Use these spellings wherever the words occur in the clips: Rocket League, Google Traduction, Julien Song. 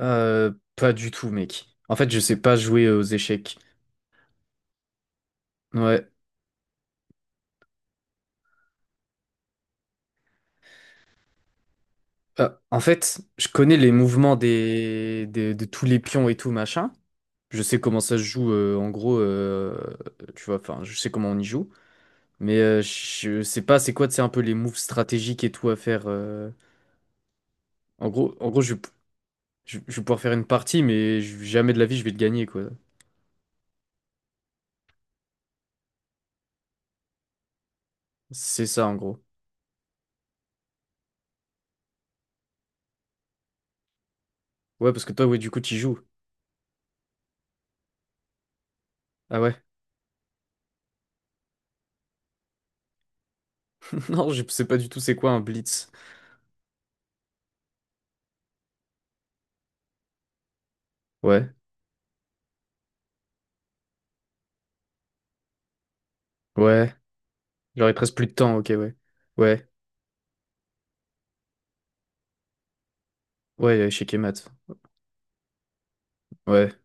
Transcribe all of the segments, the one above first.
Pas du tout, mec. En fait, je sais pas jouer aux échecs. Ouais. En fait, je connais les mouvements de tous les pions et tout, machin. Je sais comment ça se joue, en gros, tu vois, enfin, je sais comment on y joue. Mais je sais pas, c'est quoi, c'est un peu les moves stratégiques et tout à faire. En gros, je vais pouvoir faire une partie, mais jamais de la vie, je vais le gagner, quoi. C'est ça, en gros. Ouais, parce que toi, ouais, du coup, tu joues. Ah ouais. Non, je sais pas du tout c'est quoi un blitz. Ouais. Ouais. Genre, il te reste plus de temps, ok, ouais. Ouais, ouais, échec et maths. Ouais,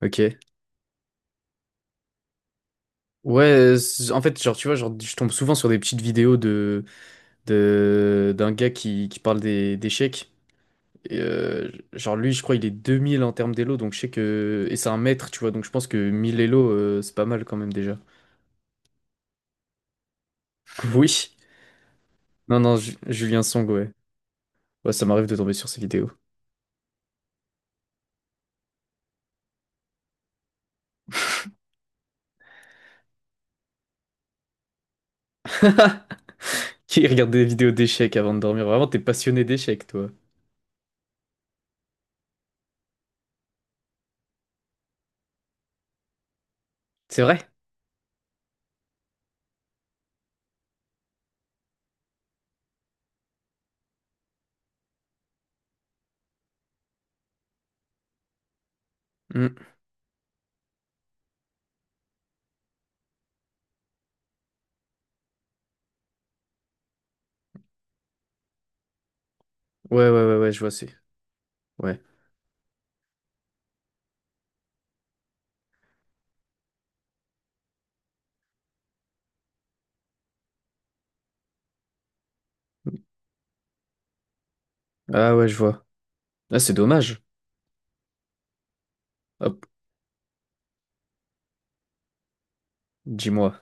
ok. Ouais, en fait, genre, tu vois, genre, je tombe souvent sur des petites vidéos de d'un gars qui parle d'échecs. Et, genre, lui, je crois, il est 2000 en termes d'élo, donc je sais que. Et c'est un maître, tu vois, donc je pense que 1000 élo, c'est pas mal quand même déjà. Oui. Non, non, Julien Song, ouais. Ouais, ça m'arrive de tomber sur ces vidéos. Qui regarde des vidéos d'échecs avant de dormir? Vraiment, t'es passionné d'échecs, toi. C'est vrai? Hmm. Ouais, ouais, ouais, ouais, je vois, c'est. Ouais. Ah ouais, je vois. Ah, c'est dommage. Hop, dis-moi.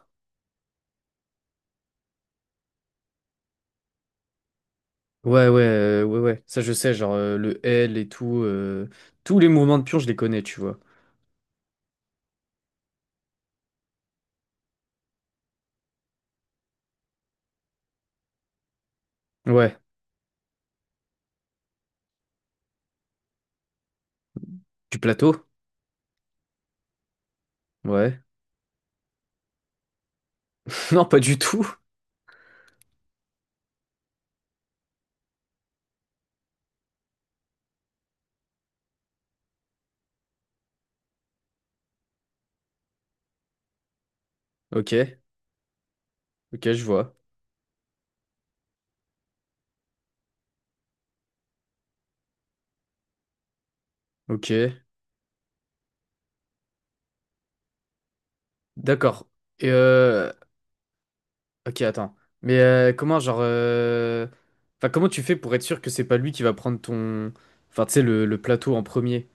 Ouais, ouais, ouais, ouais. Ça, je sais, genre le L et tout. Tous les mouvements de pion, je les connais, tu vois. Ouais. Du plateau? Ouais. Non, pas du tout. Ok. Ok, je vois. Ok. D'accord. Et Ok, attends. Mais comment, enfin, comment tu fais pour être sûr que c'est pas lui qui va prendre ton... Enfin, tu sais, le plateau en premier.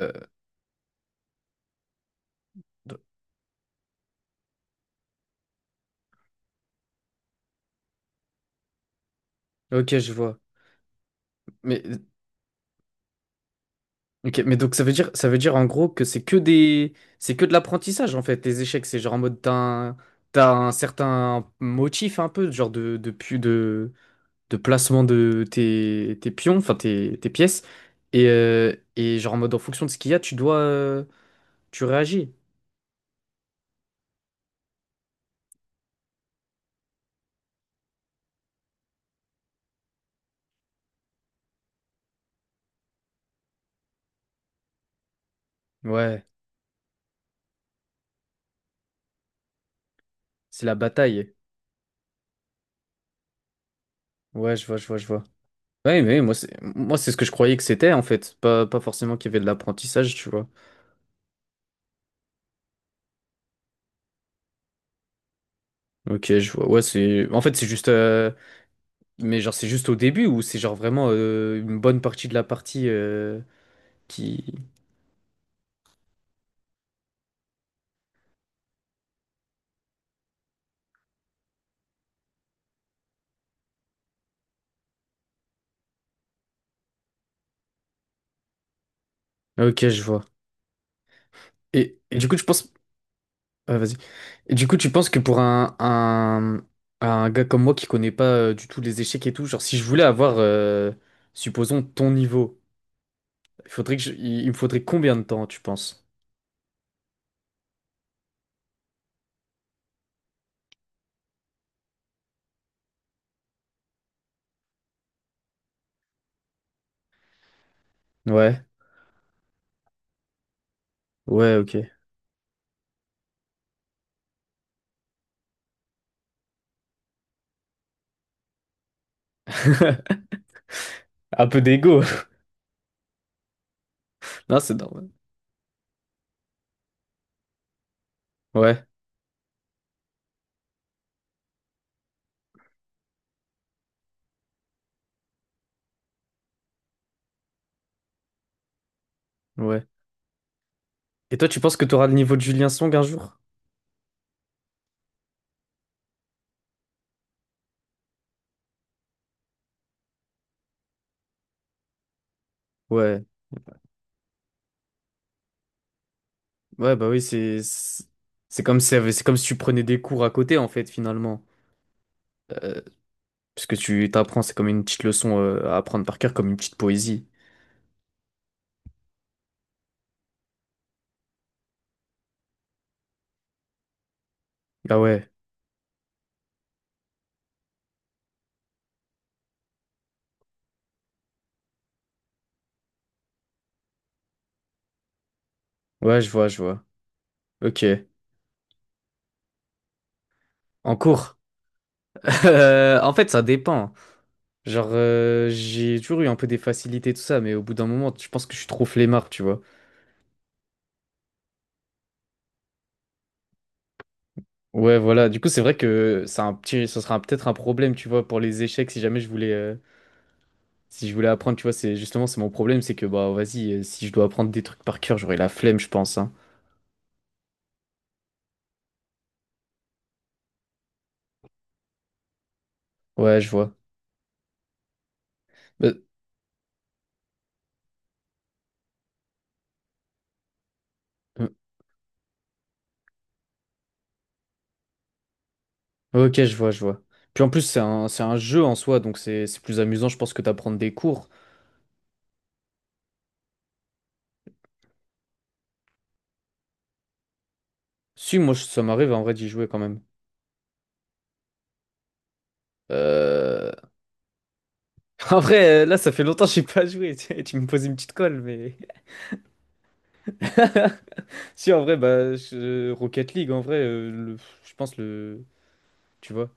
Euh, Ok, je vois. Mais Ok, mais donc ça veut dire en gros que c'est que des, c'est que de l'apprentissage en fait. Les échecs, c'est genre en mode t'as un certain motif un peu, de placement de tes pions, enfin tes pièces, et genre en mode en fonction de ce qu'il y a, tu dois, tu réagis. Ouais, c'est la bataille. Ouais, je vois, je vois, je vois. Ouais, moi c'est ce que je croyais que c'était en fait, pas forcément qu'il y avait de l'apprentissage, tu vois. Ok, je vois. Ouais, en fait c'est juste. Mais genre, c'est juste au début ou c'est genre vraiment une bonne partie de la partie qui... Ok, je vois. Et du coup, je pense... Ah, vas-y. Et du coup, tu penses que pour un gars comme moi qui connaît pas du tout les échecs et tout, genre, si je voulais avoir, supposons, ton niveau, il faudrait que il me faudrait combien de temps, tu penses? Ouais, ouais, ok. Un peu d'ego. Non, c'est normal. Ouais, ouais. Et toi, tu penses que tu auras le niveau de Julien Song un jour? Ouais. Ouais, bah oui, c'est c'est comme si tu prenais des cours à côté en fait finalement. Euh, Parce que tu t'apprends, c'est comme une petite leçon à apprendre par cœur, comme une petite poésie. Ah ouais, ouais, je vois, je vois. Ok, en cours. En fait, ça dépend. Genre, j'ai toujours eu un peu des facilités tout ça, mais au bout d'un moment, je pense que je suis trop flemmard, tu vois. Ouais, voilà. Du coup, c'est vrai que c'est un petit, ce sera peut-être un problème, tu vois, pour les échecs si jamais je voulais si je voulais apprendre, tu vois, c'est justement c'est mon problème, c'est que bah vas-y, si je dois apprendre des trucs par cœur, j'aurai la flemme, je pense, hein. Ouais, je vois. Bah, euh, ok, je vois, je vois. Puis en plus, c'est un jeu en soi, donc c'est plus amusant, je pense, que d'apprendre des cours. Si, moi, ça m'arrive en vrai d'y jouer quand même. Euh... En vrai, là, ça fait longtemps que j'ai pas joué. Tu me poses une petite colle, mais. Si, en vrai, Rocket League, en vrai, je pense le. Tu vois.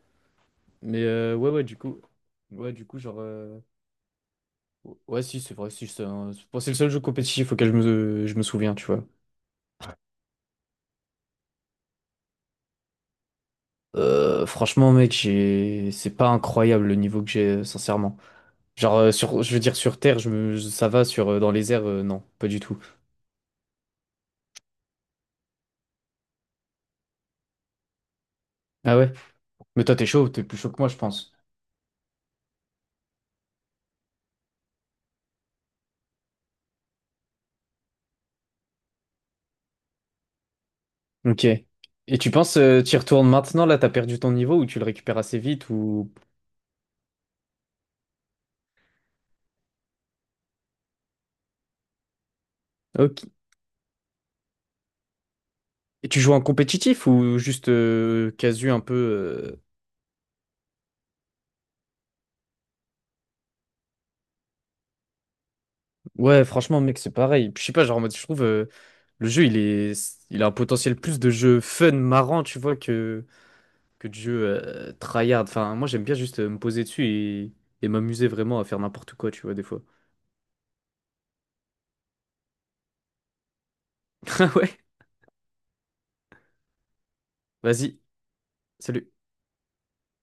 Mais ouais, ouais, du coup. Ouais, du coup, ouais, si, c'est vrai, si, c'est bon, c'est le seul jeu compétitif auquel je me souviens, tu vois. Franchement, mec, j'ai... c'est pas incroyable le niveau que j'ai, sincèrement. Genre, sur... je veux dire, sur Terre, ça va, dans les airs, non, pas du tout. Ah ouais? Mais toi, t'es chaud, t'es plus chaud que moi, je pense. Ok. Et tu penses, t'y retournes maintenant, là, t'as perdu ton niveau, ou tu le récupères assez vite, ou... Ok. Et tu joues en compétitif, ou juste casu un peu... Ouais, franchement, mec, c'est pareil. Puis, je sais pas, genre, en mode, je trouve le jeu, il a un potentiel plus de jeu fun, marrant, tu vois, que de jeu tryhard. Enfin, moi, j'aime bien juste me poser dessus et m'amuser vraiment à faire n'importe quoi, tu vois, des fois. Ah ouais, vas-y, salut.